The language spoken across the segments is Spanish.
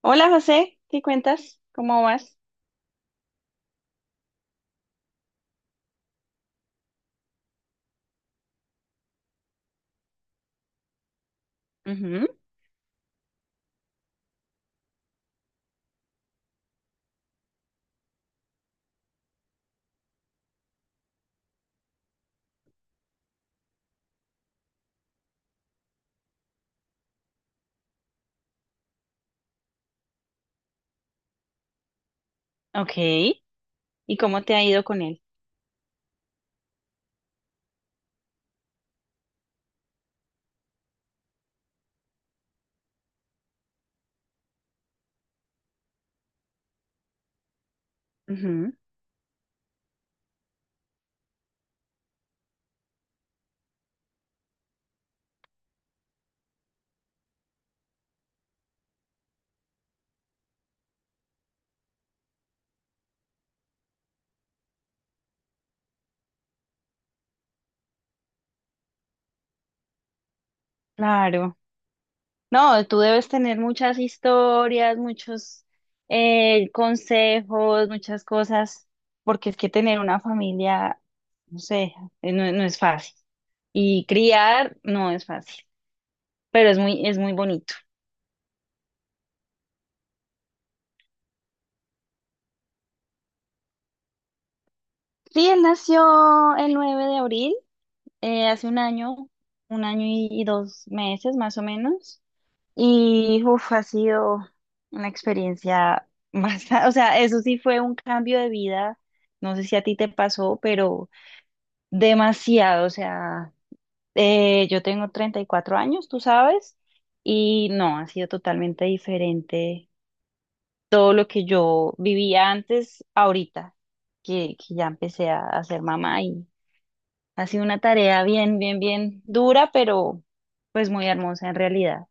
Hola José, ¿qué cuentas? ¿Cómo vas? Ujú. Ok, ¿y cómo te ha ido con él? Ujú. Claro. No, tú debes tener muchas historias, muchos consejos, muchas cosas, porque es que tener una familia, no sé, no, no es fácil. Y criar no es fácil, pero es muy bonito. Sí, él nació el 9 de abril, hace un año y 2 meses más o menos. Y uf, ha sido una experiencia más o sea, eso sí fue un cambio de vida, no sé si a ti te pasó, pero demasiado, o sea, yo tengo 34 años, tú sabes, y no, ha sido totalmente diferente todo lo que yo vivía antes, ahorita, que ya empecé a ser mamá, y ha sido una tarea bien, bien, bien dura, pero pues muy hermosa en realidad.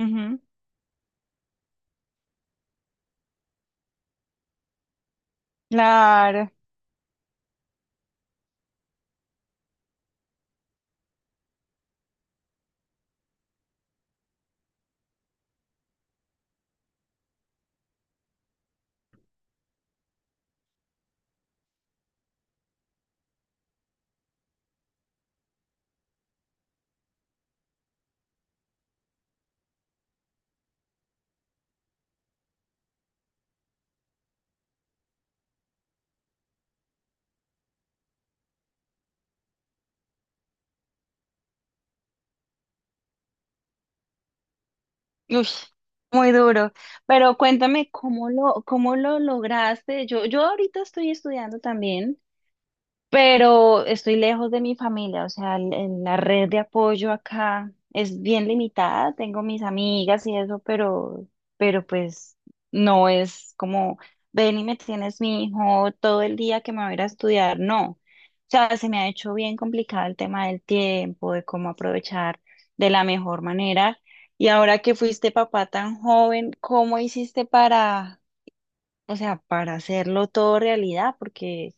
Ujú. Claro. Uy, muy duro. Pero cuéntame cómo lo lograste. Yo ahorita estoy estudiando también, pero estoy lejos de mi familia, o sea, la red de apoyo acá es bien limitada, tengo mis amigas y eso, pero, pues no es como, ven y me tienes mi hijo todo el día que me voy a ir a estudiar, no. O sea, se me ha hecho bien complicado el tema del tiempo, de cómo aprovechar de la mejor manera. Y ahora que fuiste papá tan joven, ¿cómo hiciste para, o sea, para hacerlo todo realidad? Porque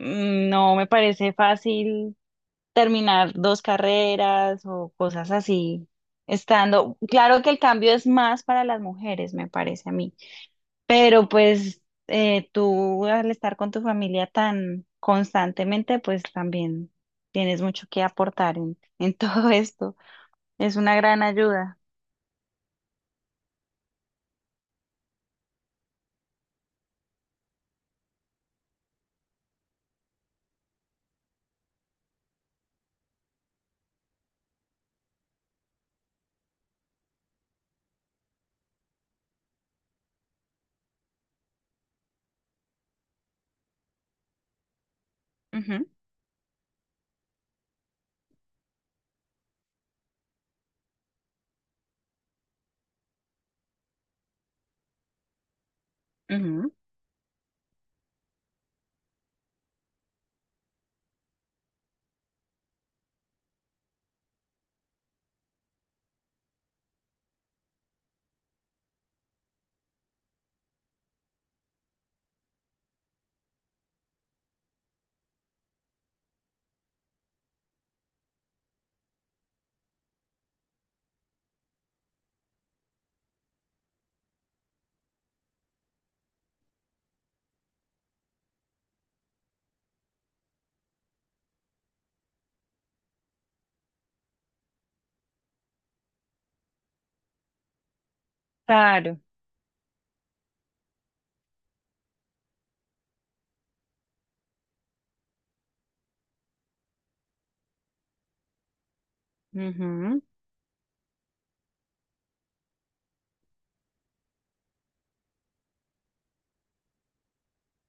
no me parece fácil terminar dos carreras o cosas así, estando, claro que el cambio es más para las mujeres, me parece a mí, pero pues tú al estar con tu familia tan constantemente, pues también tienes mucho que aportar en, en todo esto. Es una gran ayuda. Ujú, ujú. Claro. Ujú,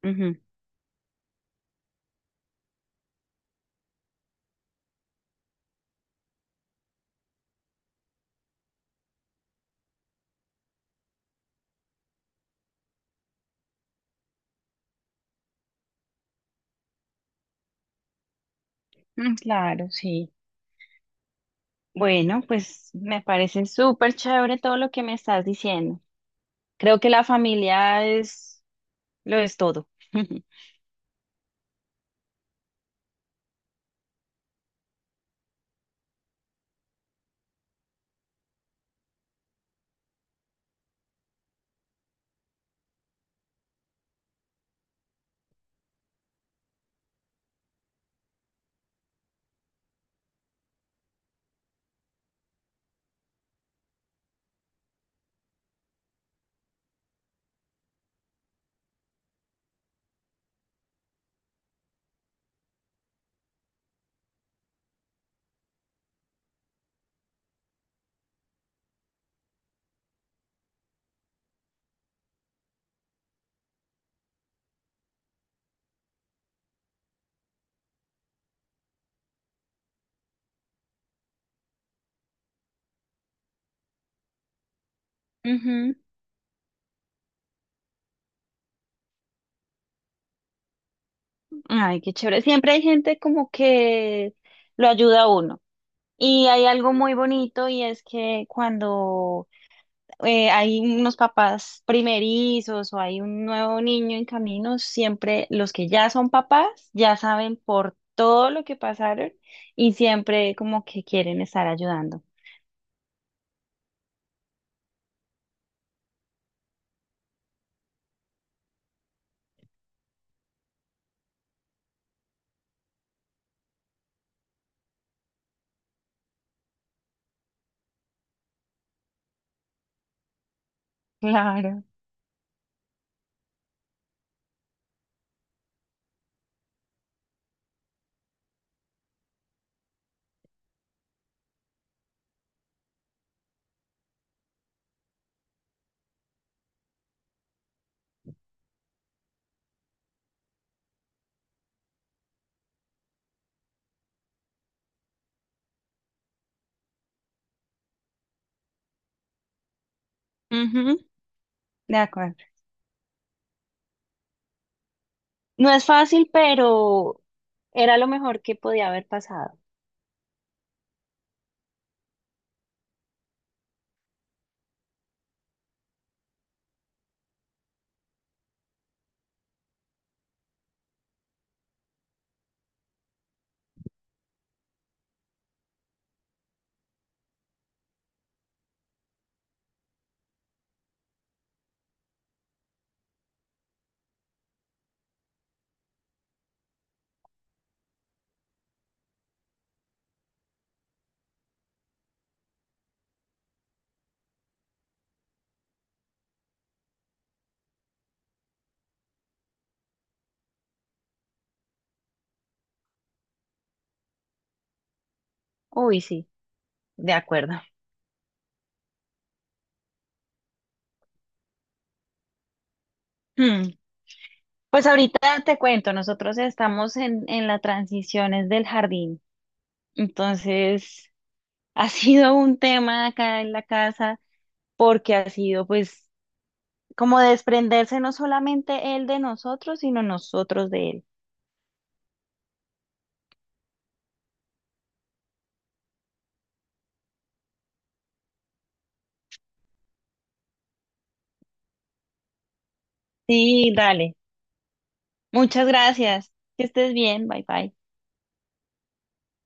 ujú, mm. Claro, sí. Bueno, pues me parece súper chévere todo lo que me estás diciendo. Creo que la familia es lo es todo. Ujú. Ay, qué chévere. Siempre hay gente como que lo ayuda a uno. Y hay algo muy bonito, y es que cuando hay unos papás primerizos o hay un nuevo niño en camino, siempre los que ya son papás ya saben por todo lo que pasaron, y siempre como que quieren estar ayudando. Claro. Ujú, de acuerdo. No es fácil, pero era lo mejor que podía haber pasado. Uy, sí, de acuerdo. Hmm. Pues ahorita te cuento, nosotros estamos en las transiciones del jardín. Entonces, ha sido un tema acá en la casa, porque ha sido pues como desprenderse no solamente él de nosotros, sino nosotros de él. Sí, dale. Muchas gracias. Que estés bien. Bye bye.